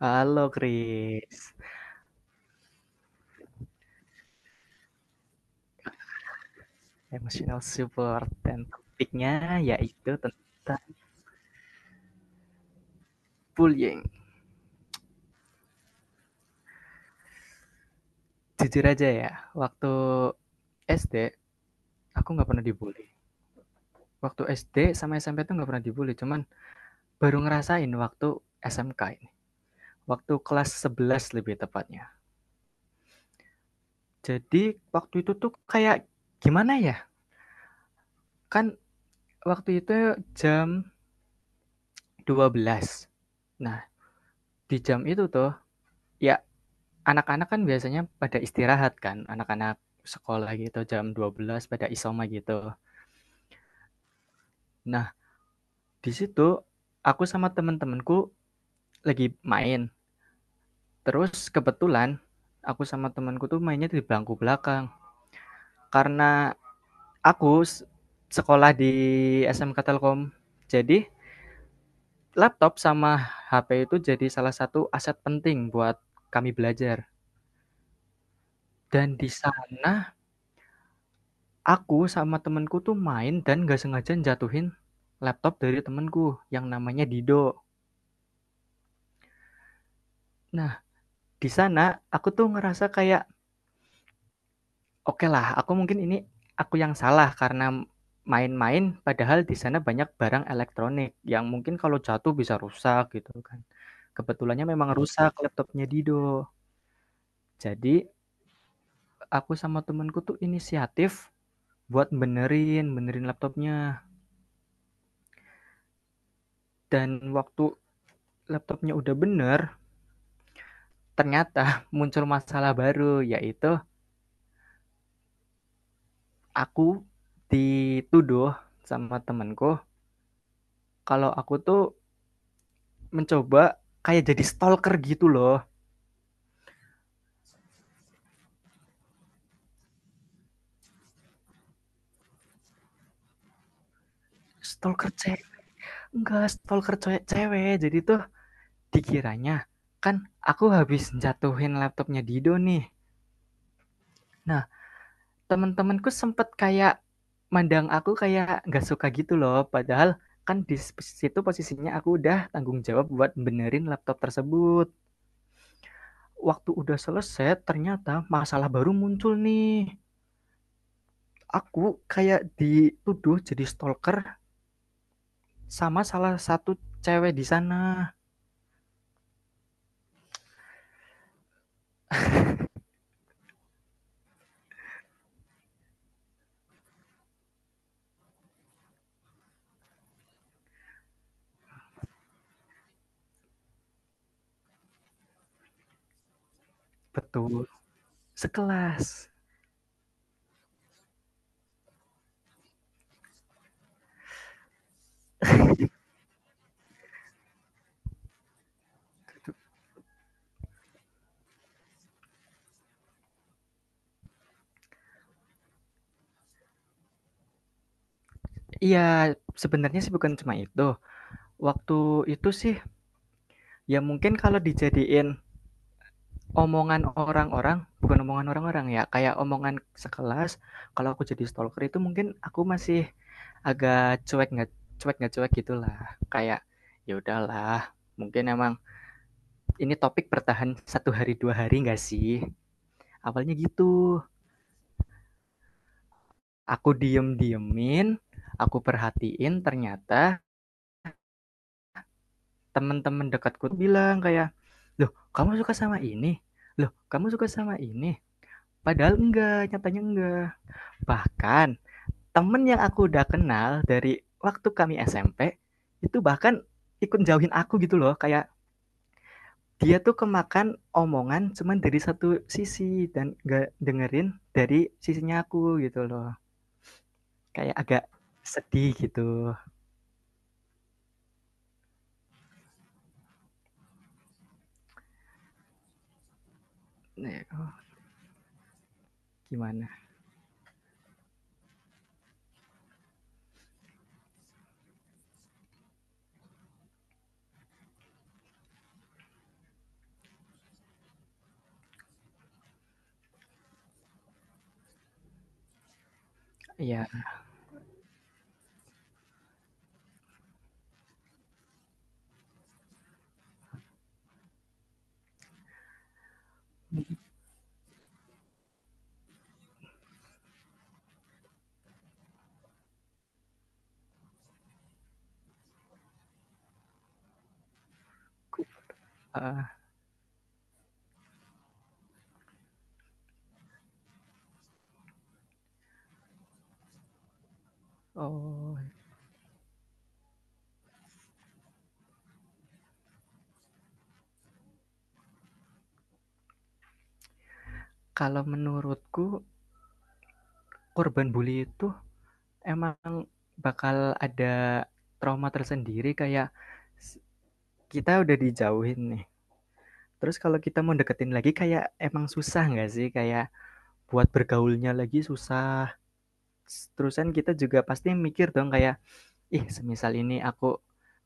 Halo Chris, emotional support dan topiknya yaitu tentang bullying. Jujur aja ya, waktu SD aku nggak pernah dibully. Waktu SD sama SMP tuh nggak pernah dibully, cuman baru ngerasain waktu SMK ini. Waktu kelas 11 lebih tepatnya. Jadi waktu itu tuh kayak gimana ya? Kan waktu itu jam 12. Nah, di jam itu tuh, ya, anak-anak kan biasanya pada istirahat kan, anak-anak sekolah gitu jam 12 pada isoma gitu. Nah, di situ aku sama temen-temenku lagi main, terus kebetulan aku sama temenku tuh mainnya di bangku belakang. Karena aku sekolah di SMK Telkom, jadi laptop sama HP itu jadi salah satu aset penting buat kami belajar. Dan di sana aku sama temenku tuh main dan nggak sengaja jatuhin laptop dari temenku yang namanya Dido. Nah, di sana aku tuh ngerasa kayak, oke lah, aku mungkin ini aku yang salah karena main-main, padahal di sana banyak barang elektronik yang mungkin kalau jatuh bisa rusak gitu kan. Kebetulannya memang rusak laptopnya Dido. Jadi, aku sama temanku tuh inisiatif buat benerin, benerin laptopnya. Dan waktu laptopnya udah bener, ternyata muncul masalah baru, yaitu aku dituduh sama temanku, kalau aku tuh mencoba kayak jadi stalker gitu loh. Stalker cewek, enggak, stalker cewek cewek. Jadi tuh dikiranya kan aku habis jatuhin laptopnya Dido nih, nah teman-temanku sempet kayak mandang aku kayak nggak suka gitu loh, padahal kan di situ posisinya aku udah tanggung jawab buat benerin laptop tersebut. Waktu udah selesai ternyata masalah baru muncul nih. Aku kayak dituduh jadi stalker sama salah satu cewek di sana. Betul, sekelas. Iya, sebenarnya sih bukan cuma itu. Waktu itu sih, ya mungkin kalau dijadiin omongan orang-orang, bukan omongan orang-orang ya, kayak omongan sekelas, kalau aku jadi stalker itu mungkin aku masih agak cuek, nggak cuek nggak cuek gitulah. Kayak ya udahlah, mungkin emang ini topik bertahan satu hari dua hari nggak sih? Awalnya gitu. Aku diem-diemin, aku perhatiin ternyata teman-teman dekatku bilang kayak, loh kamu suka sama ini? Loh kamu suka sama ini? Padahal enggak, nyatanya enggak. Bahkan temen yang aku udah kenal dari waktu kami SMP itu bahkan ikut jauhin aku gitu loh, kayak dia tuh kemakan omongan cuman dari satu sisi dan gak dengerin dari sisinya aku gitu loh. Kayak agak sedih gitu. Nah, gimana? Ya, aku, heeh. Oh, kalau menurutku korban bully itu emang bakal ada trauma tersendiri. Kayak kita udah dijauhin nih, terus kalau kita mau deketin lagi kayak emang susah nggak sih? Kayak buat bergaulnya lagi susah, s terusan kita juga pasti mikir dong kayak, ih semisal ini aku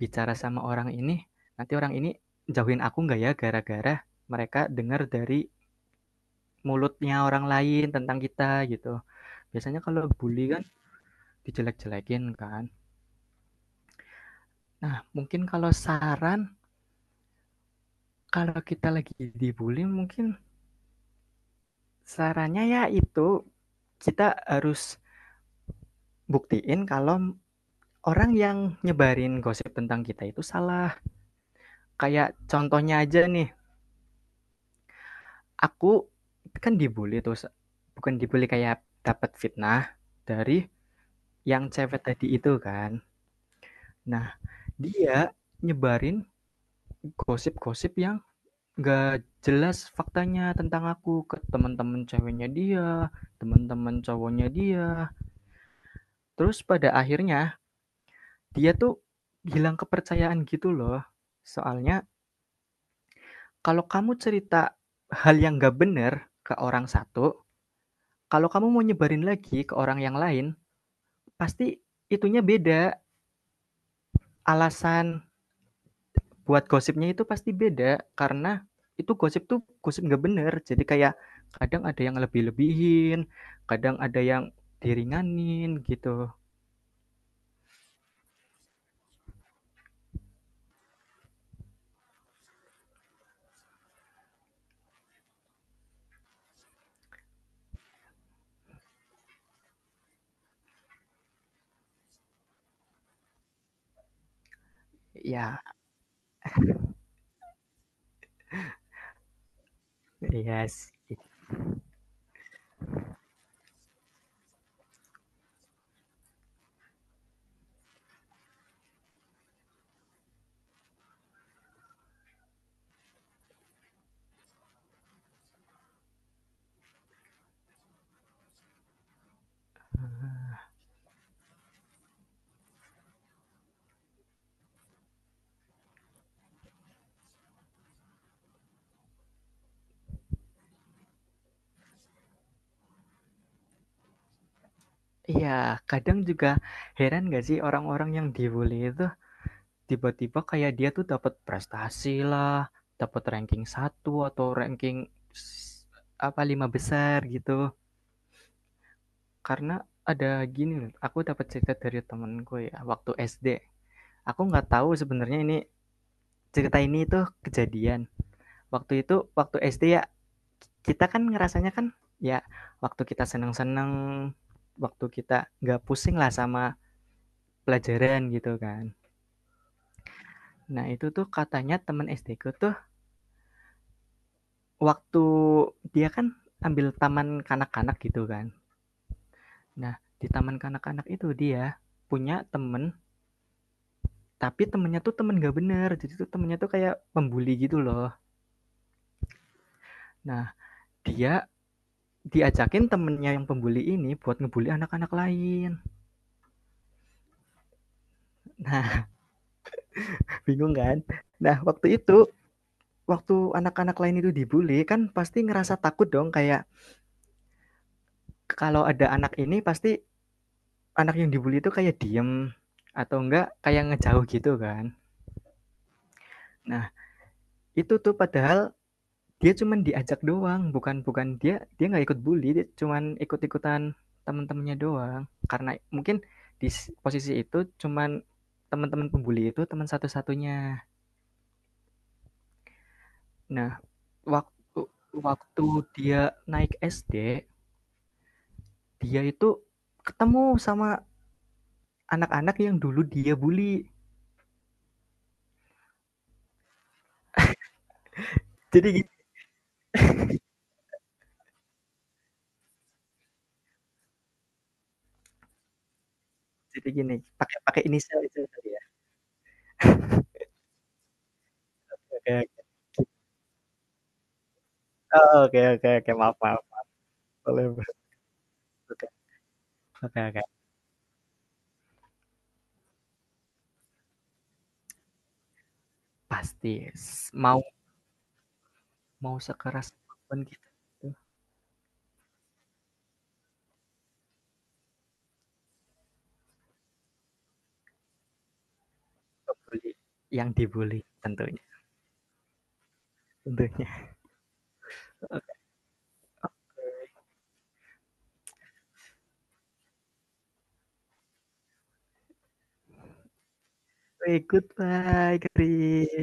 bicara sama orang ini, nanti orang ini jauhin aku nggak ya, gara-gara mereka dengar dari mulutnya orang lain tentang kita gitu. Biasanya kalau bully kan dijelek-jelekin kan. Nah, mungkin kalau saran, kalau kita lagi dibully mungkin sarannya ya itu, kita harus buktiin kalau orang yang nyebarin gosip tentang kita itu salah. Kayak contohnya aja nih, aku kan dibully, terus bukan dibully kayak dapat fitnah dari yang cewek tadi itu kan. Nah, dia nyebarin gosip-gosip yang gak jelas faktanya tentang aku ke teman-teman ceweknya dia, teman-teman cowoknya dia. Terus pada akhirnya dia tuh hilang kepercayaan gitu loh. Soalnya kalau kamu cerita hal yang gak bener ke orang satu, kalau kamu mau nyebarin lagi ke orang yang lain, pasti itunya beda, alasan buat gosipnya itu pasti beda, karena itu gosip tuh gosip nggak bener. Jadi kayak kadang ada yang lebih-lebihin, kadang ada yang diringanin gitu. Ya, iya sih. Iya, kadang juga heran nggak sih orang-orang yang di itu tiba-tiba kayak dia tuh dapat prestasi lah, dapat ranking satu atau ranking s apa, 5 besar gitu. Karena ada gini loh, aku dapat cerita dari temenku ya, waktu SD. Aku nggak tahu sebenarnya ini cerita ini tuh kejadian. Waktu itu, waktu SD ya, kita kan ngerasanya kan, ya waktu kita seneng-seneng, waktu kita nggak pusing lah sama pelajaran gitu kan. Nah itu tuh katanya temen SD-ku tuh waktu dia kan ambil taman kanak-kanak gitu kan. Nah di taman kanak-kanak itu dia punya temen. Tapi temennya tuh temen gak bener, jadi tuh temennya tuh kayak pembuli gitu loh. Nah, dia diajakin temennya yang pembuli ini buat ngebully anak-anak lain. Nah, bingung kan? Nah, waktu itu, waktu anak-anak lain itu dibully, kan pasti ngerasa takut dong kayak kalau ada anak ini pasti anak yang dibully itu kayak diem atau enggak kayak ngejauh gitu kan. Nah, itu tuh padahal dia cuman diajak doang, bukan bukan dia dia nggak ikut bully, dia cuman ikut-ikutan teman-temannya doang. Karena mungkin di posisi itu cuman teman-teman pembuli itu teman satu-satunya. Nah, waktu waktu dia naik SD, dia itu ketemu sama anak-anak yang dulu dia bully. Jadi gini jadi gini, pakai pakai inisial itu tadi ya? Oke oke. Oh, oke oke, maaf maaf. Boleh. Oke oke. Pasti, mau mau sekeras apapun kita itu, ngebully yang dibully tentunya, tentunya. Ikut, Pak Kak.